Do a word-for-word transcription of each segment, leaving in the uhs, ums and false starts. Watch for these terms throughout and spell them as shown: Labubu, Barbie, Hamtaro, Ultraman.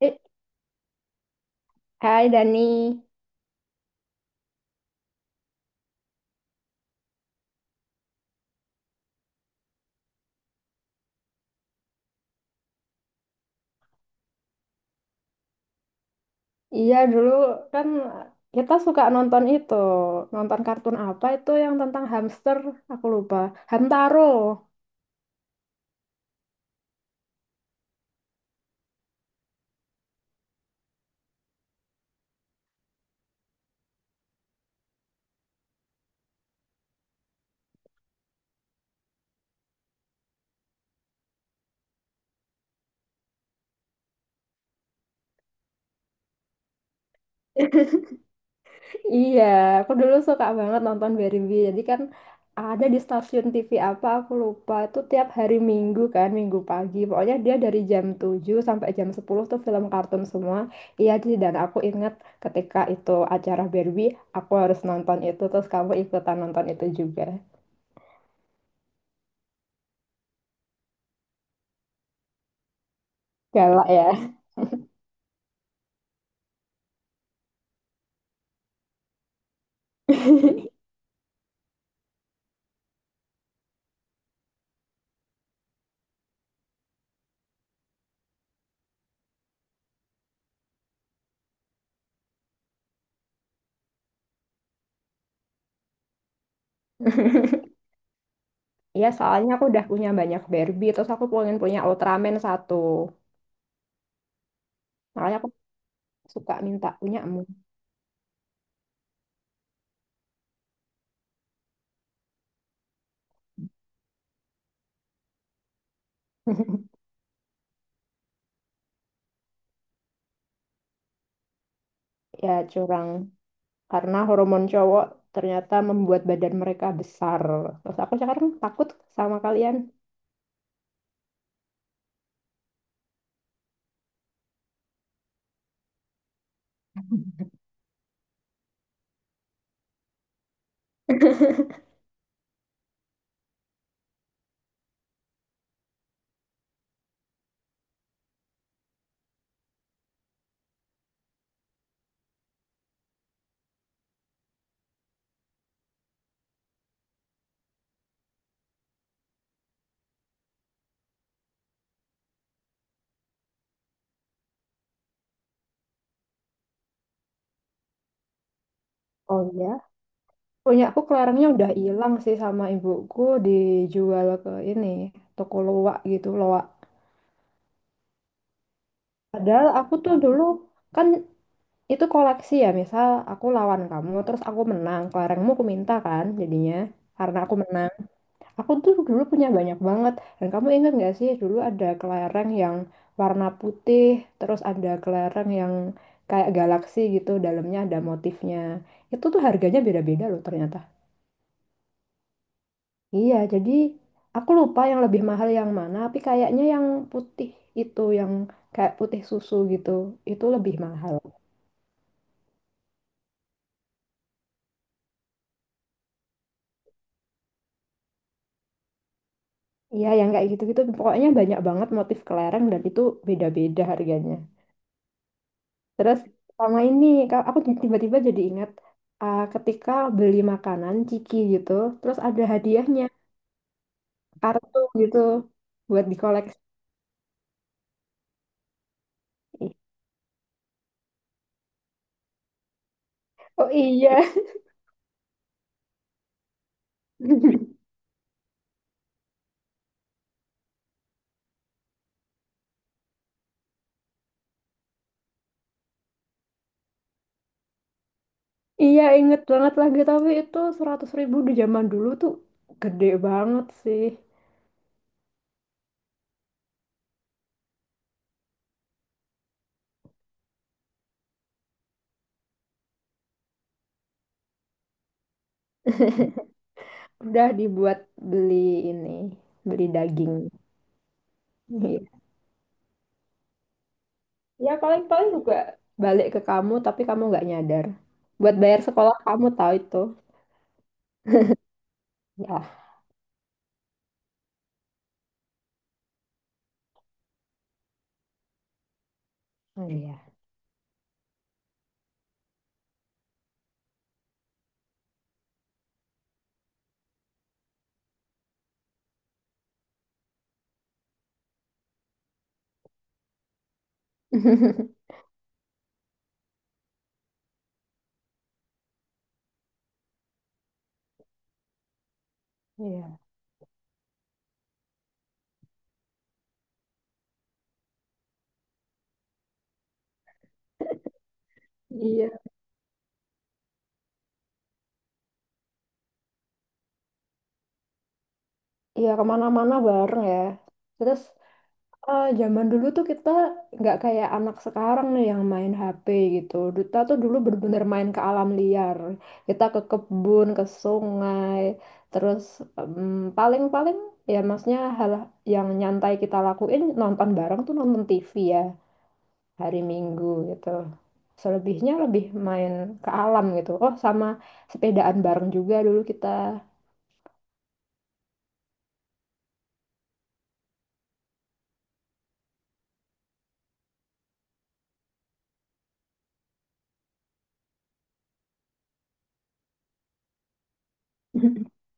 Eh, hai Dani, iya dulu kan kita suka nonton itu, nonton kartun apa itu yang tentang hamster, aku lupa, Hamtaro. Iya, aku dulu suka banget nonton Barbie, jadi kan ada di stasiun T V apa, aku lupa, itu tiap hari Minggu kan, Minggu pagi, pokoknya dia dari jam tujuh sampai jam sepuluh tuh film kartun semua, iya Ci, dan aku ingat ketika itu acara Barbie, aku harus nonton itu, terus kamu ikutan nonton itu juga, galak ya. Iya, soalnya aku udah punya banyak Barbie, terus aku pengen punya Ultraman satu. Makanya aku suka minta punya emu. Ya, curang. Karena hormon cowok ternyata membuat badan mereka besar. Terus aku sekarang takut sama kalian. Oh iya. Punya aku kelerengnya udah hilang sih sama ibuku dijual ke ini, toko loak gitu, loak. Padahal aku tuh dulu kan itu koleksi ya, misal aku lawan kamu, terus aku menang, kelerengmu aku minta kan jadinya, karena aku menang. Aku tuh dulu punya banyak banget, dan kamu ingat gak sih dulu ada kelereng yang warna putih, terus ada kelereng yang kayak galaksi gitu, dalamnya ada motifnya. Itu tuh harganya beda-beda loh ternyata. Iya, jadi aku lupa yang lebih mahal yang mana, tapi kayaknya yang putih itu, yang kayak putih susu gitu, itu lebih mahal. Iya, yang kayak gitu-gitu pokoknya banyak banget motif kelereng dan itu beda-beda harganya. Terus sama ini ka- aku tiba-tiba jadi ingat uh, ketika beli makanan ciki gitu, terus ada hadiahnya, kartu gitu buat dikoleksi. Oh iya. Iya, inget banget lagi tapi itu seratus ribu di zaman dulu tuh gede banget sih. Udah dibuat beli ini, beli daging. Ya paling-paling juga balik ke kamu tapi kamu nggak nyadar. Buat bayar sekolah kamu tahu itu. Ya. Oh iya, iya. Iya. Iya kemana-mana bareng ya. Terus eh, zaman dulu tuh kita nggak kayak anak sekarang nih yang main H P gitu. Duta tuh dulu bener-bener main ke alam liar. Kita ke kebun, ke sungai. Terus em, paling-paling ya maksudnya hal yang nyantai kita lakuin nonton bareng tuh nonton T V ya. Hari Minggu gitu. Selebihnya lebih main ke alam gitu. Oh, sama sepedaan bareng juga dulu kita.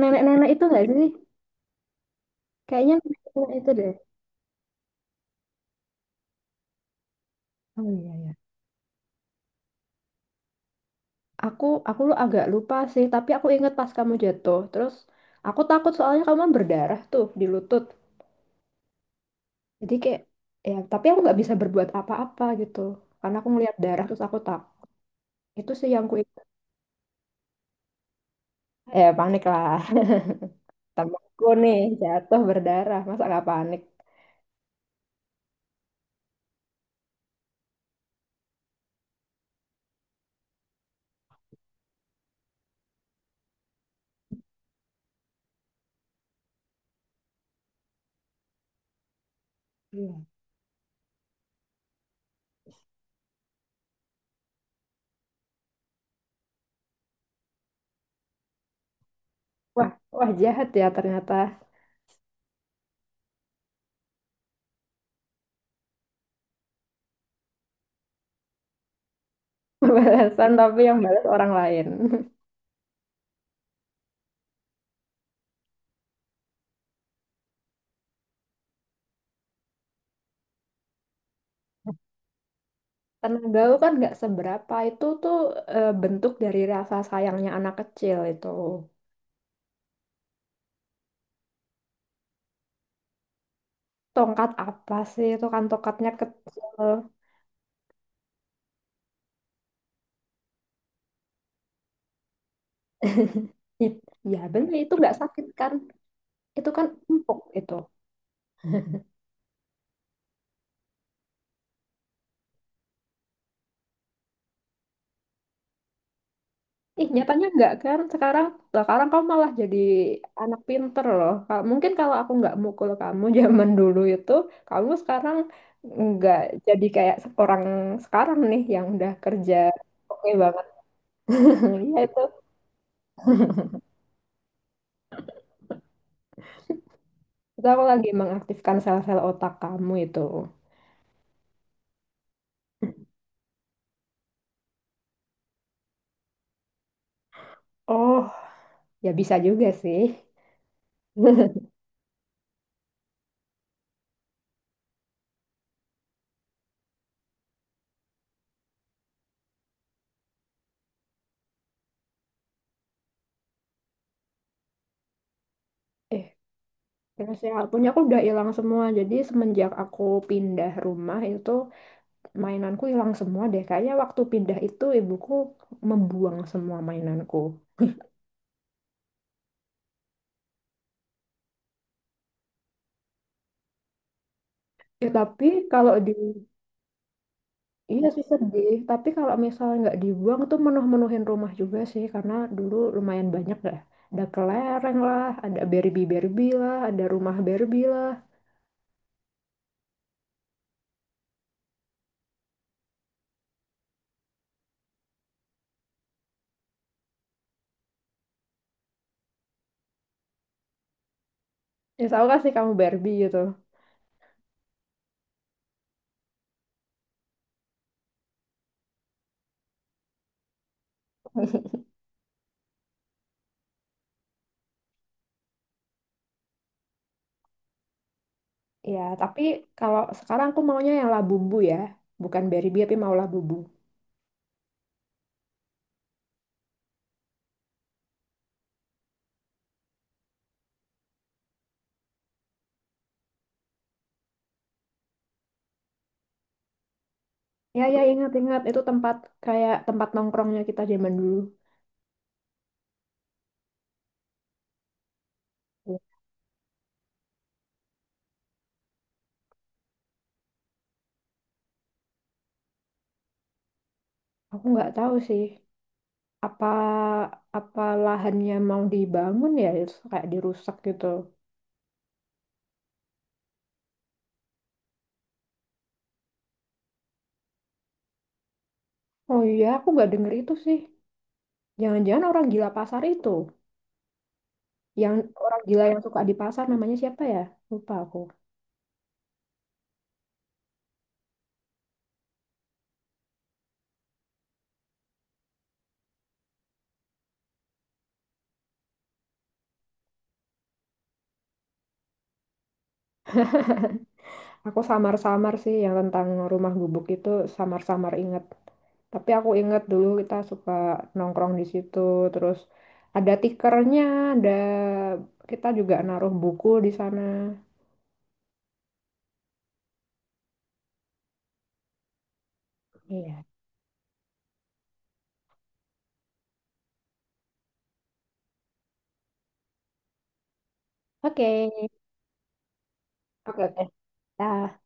Nenek-nenek itu nggak sih? Kayaknya nenek-nenek itu deh. Oh iya ya. Aku aku lu agak lupa sih, tapi aku inget pas kamu jatuh. Terus aku takut soalnya kamu kan berdarah tuh di lutut. Jadi kayak ya, tapi aku nggak bisa berbuat apa-apa gitu. Karena aku ngeliat darah terus aku tak. Itu sih yang ku ingat. Eh, panik lah. Temanku nih jatuh berdarah, masa nggak panik? Iya. Wah, wah jahat ya ternyata. Balasan tapi yang balas orang lain. Tenaga lu kan nggak seberapa itu tuh eh, bentuk dari rasa sayangnya anak kecil itu. Tongkat apa sih itu kan tongkatnya kecil. It- Ya bener itu nggak sakit kan? Itu kan empuk itu. Ih, nyatanya enggak kan? Sekarang, sekarang kamu malah jadi anak pinter loh. Ka- Mungkin kalau aku nggak mukul kamu zaman dulu itu, kamu sekarang nggak jadi kayak orang sekarang nih yang udah kerja oke banget. Iya itu, itu aku lagi mengaktifkan sel-sel otak kamu itu. Oh, ya bisa juga sih. Eh, terus ya, punya aku udah hilang semua. Jadi semenjak aku pindah rumah itu. Mainanku hilang semua deh. Kayaknya waktu pindah itu ibuku membuang semua mainanku. Ya, tapi kalau di iya sih sedih. Tapi kalau misalnya nggak dibuang tuh menuh-menuhin rumah juga sih, karena dulu lumayan banyak dah. Ada kelereng lah, ada Barbie Barbie lah, ada rumah Barbie lah. Ya tau gak sih kamu Barbie gitu. Ya tapi kalau sekarang aku maunya yang Labubu ya, bukan Barbie tapi mau Labubu. Ya ya ingat-ingat itu tempat kayak tempat nongkrongnya kita zaman dulu. Aku nggak tahu sih apa apa lahannya mau dibangun ya terus kayak dirusak gitu. Oh iya, aku nggak denger itu sih. Jangan-jangan orang gila pasar itu. Yang orang gila yang suka di pasar namanya siapa ya? Lupa aku. Aku samar-samar sih yang tentang rumah gubuk itu samar-samar inget. Tapi aku inget dulu kita suka nongkrong di situ terus ada tikernya, ada kita juga naruh buku di sana. Iya. Oke. Oke, oke. Dah.